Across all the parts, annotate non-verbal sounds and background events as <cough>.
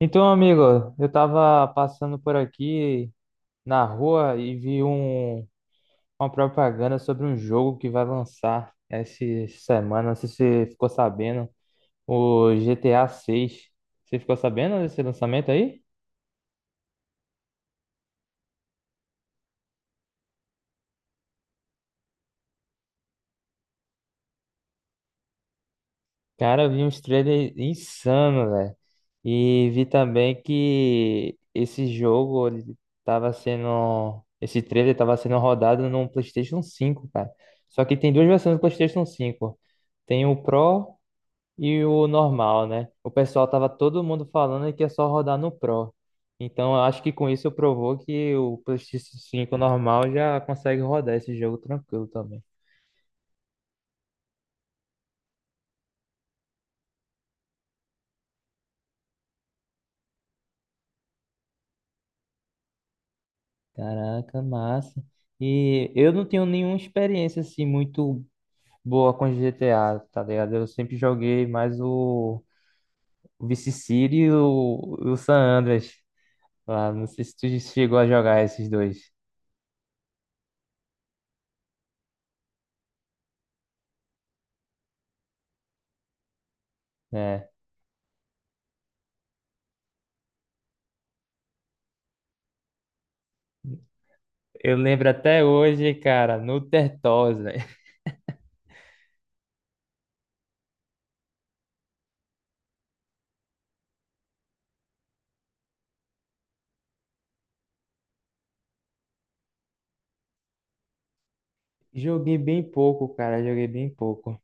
Então, amigo, eu tava passando por aqui na rua e vi uma propaganda sobre um jogo que vai lançar essa semana. Não sei se você ficou sabendo, o GTA 6. Você ficou sabendo desse lançamento aí? Cara, eu vi uns trailers insano, velho. E vi também que esse jogo ele tava sendo. Esse trailer tava sendo rodado no PlayStation 5, cara. Só que tem duas versões do PlayStation 5. Tem o Pro e o normal, né? O pessoal tava todo mundo falando que é só rodar no Pro. Então, eu acho que com isso provou que o PlayStation 5 normal já consegue rodar esse jogo tranquilo também. Caraca, massa. E eu não tenho nenhuma experiência assim muito boa com GTA, tá ligado? Eu sempre joguei mais o Vice City e o San Andreas. Lá. Não sei se tu chegou a jogar esses dois, né? Eu lembro até hoje, cara, no Tertós, né? Joguei bem pouco, cara. Joguei bem pouco.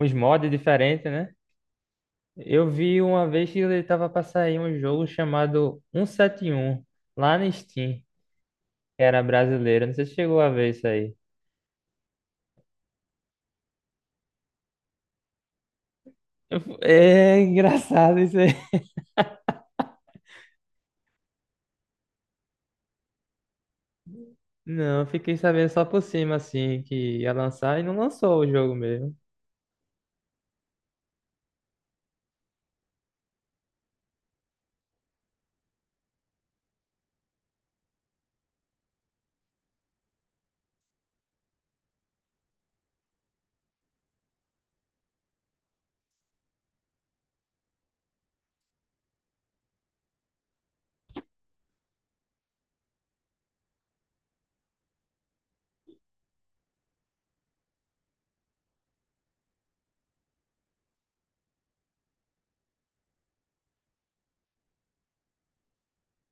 Os mods diferentes, né? Eu vi uma vez que ele tava pra sair um jogo chamado 171 lá na Steam, que era brasileiro. Não sei se chegou a ver isso aí. É <laughs> engraçado isso aí. <laughs> Não, eu fiquei sabendo só por cima, assim, que ia lançar e não lançou o jogo mesmo.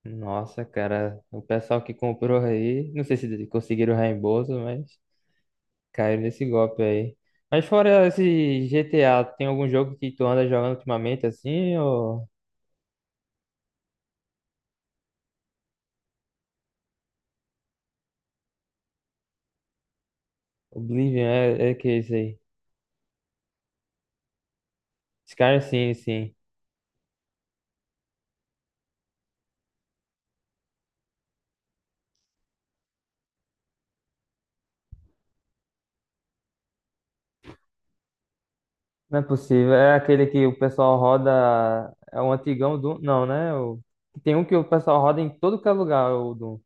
Nossa, cara, o pessoal que comprou aí, não sei se conseguiram o reembolso, mas caiu nesse golpe aí. Mas fora esse GTA, tem algum jogo que tu anda jogando ultimamente assim? Ou Oblivion é, é que é isso aí? Skyrim, sim, sim. Não é possível. É aquele que o pessoal roda. É um antigão do. Não, né? O... Tem um que o pessoal roda em todo que é lugar, o Doom.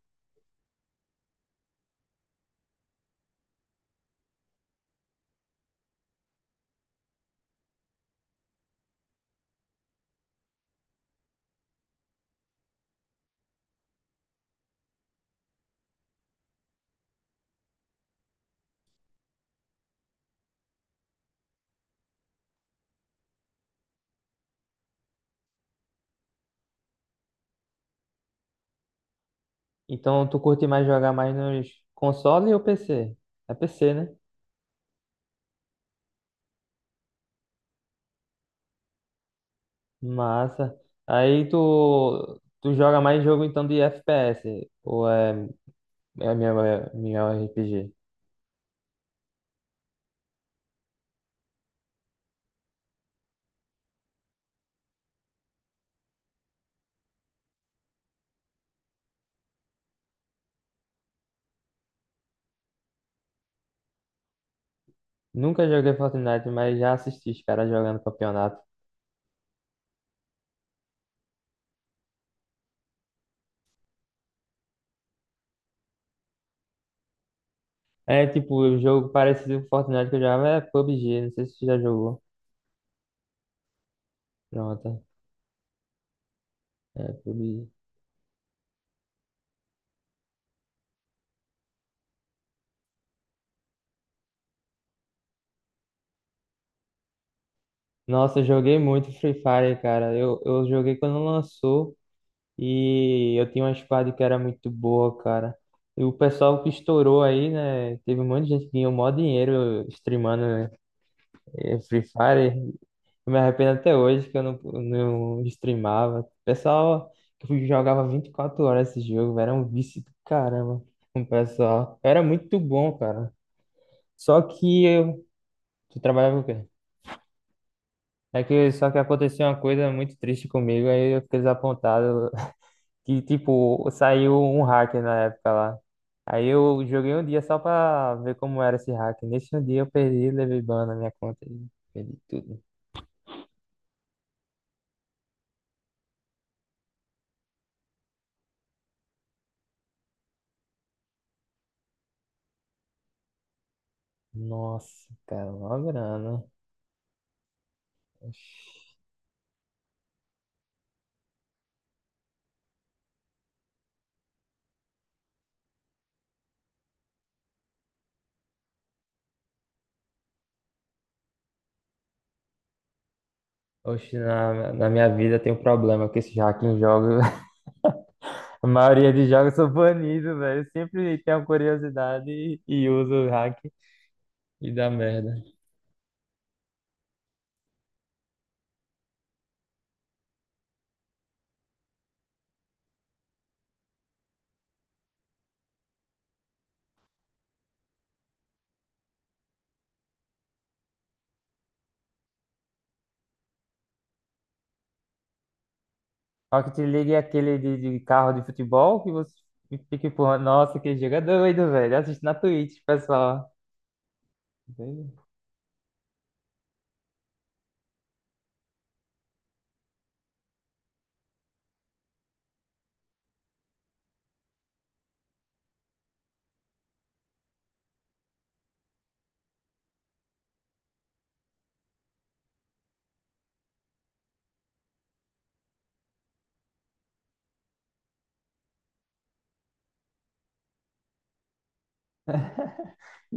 Então tu curte mais jogar mais nos console ou PC? É PC, né? Massa. Aí tu. Tu joga mais jogo então de FPS? Ou é minha RPG? Nunca joguei Fortnite, mas já assisti os caras jogando campeonato. É tipo, o jogo parecido com Fortnite que eu jogava é PUBG, não sei se você já jogou. Pronto, é PUBG. Nossa, eu joguei muito Free Fire, cara. Eu joguei quando lançou e eu tinha uma squad que era muito boa, cara. E o pessoal que estourou aí, né? Teve um monte de gente que ganhou mó dinheiro streamando Free Fire. Eu me arrependo até hoje que eu não streamava. Pessoal, que eu jogava 24 horas esse jogo, velho, era um vício do caramba. O pessoal, era muito bom, cara. Só que eu, tu trabalhava o quê? É que só que aconteceu uma coisa muito triste comigo, aí eu fiquei desapontado. <laughs> Que tipo, saiu um hacker na época lá. Aí eu joguei um dia só pra ver como era esse hacker. Nesse um dia eu perdi, levei ban na minha conta e perdi tudo. Nossa, cara, uma grana. Oxi. Oxe, na minha vida tem um problema que esses hacking jogos, <laughs> a maioria de jogos são banidos, velho. Eu sempre tenho curiosidade e uso o hack e dá merda. Rocket League é aquele de carro de futebol que você fica empurrando. Nossa, que jogo é doido, velho. Assiste na Twitch, pessoal. Entende?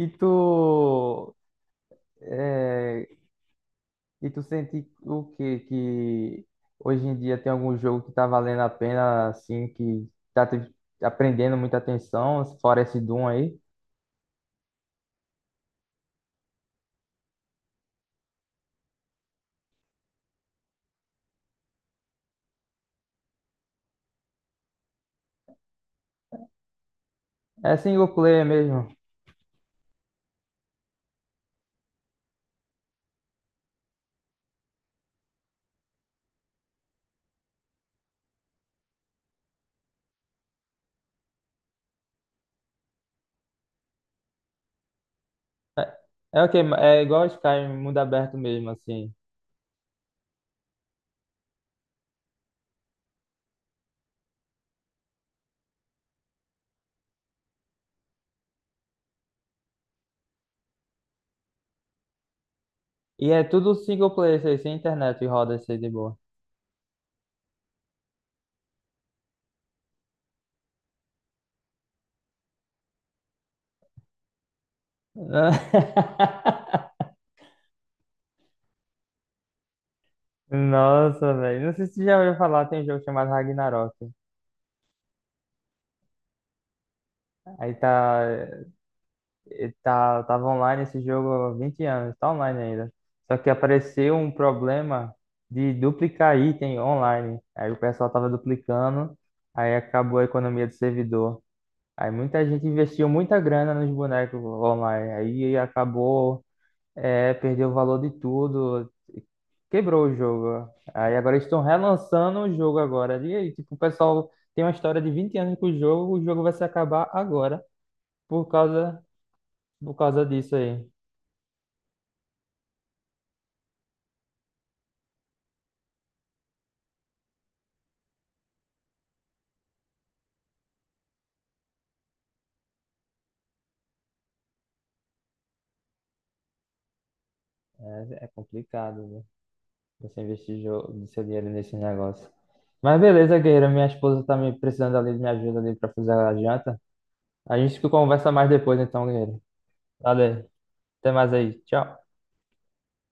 E tu é, E tu sente o quê? Que hoje em dia tem algum jogo que tá valendo a pena, assim, que tá te aprendendo muita atenção, fora esse Doom aí? É single player mesmo. É, é o quê? É igual Skyrim, mundo aberto mesmo, assim. E é tudo single player, isso aí, sem internet e roda isso aí de boa. <laughs> Nossa, velho. Não sei se você já ouviu falar, tem um jogo chamado Ragnarok. Aí tá. Ele tá, tava online esse jogo há 20 anos, tá online ainda. Só que apareceu um problema de duplicar item online. Aí o pessoal tava duplicando, aí acabou a economia do servidor. Aí muita gente investiu muita grana nos bonecos online. Aí acabou, é, perdeu o valor de tudo, quebrou o jogo. Aí agora eles estão relançando o jogo agora. E aí, tipo, o pessoal tem uma história de 20 anos com o jogo vai se acabar agora por causa, por causa disso aí. É, é complicado, né? Você investir jo- do seu dinheiro nesse negócio. Mas beleza, guerreiro. Minha esposa tá me precisando ali de minha ajuda ali pra fazer a janta. A gente conversa mais depois, então, guerreiro. Valeu. Até mais aí. Tchau.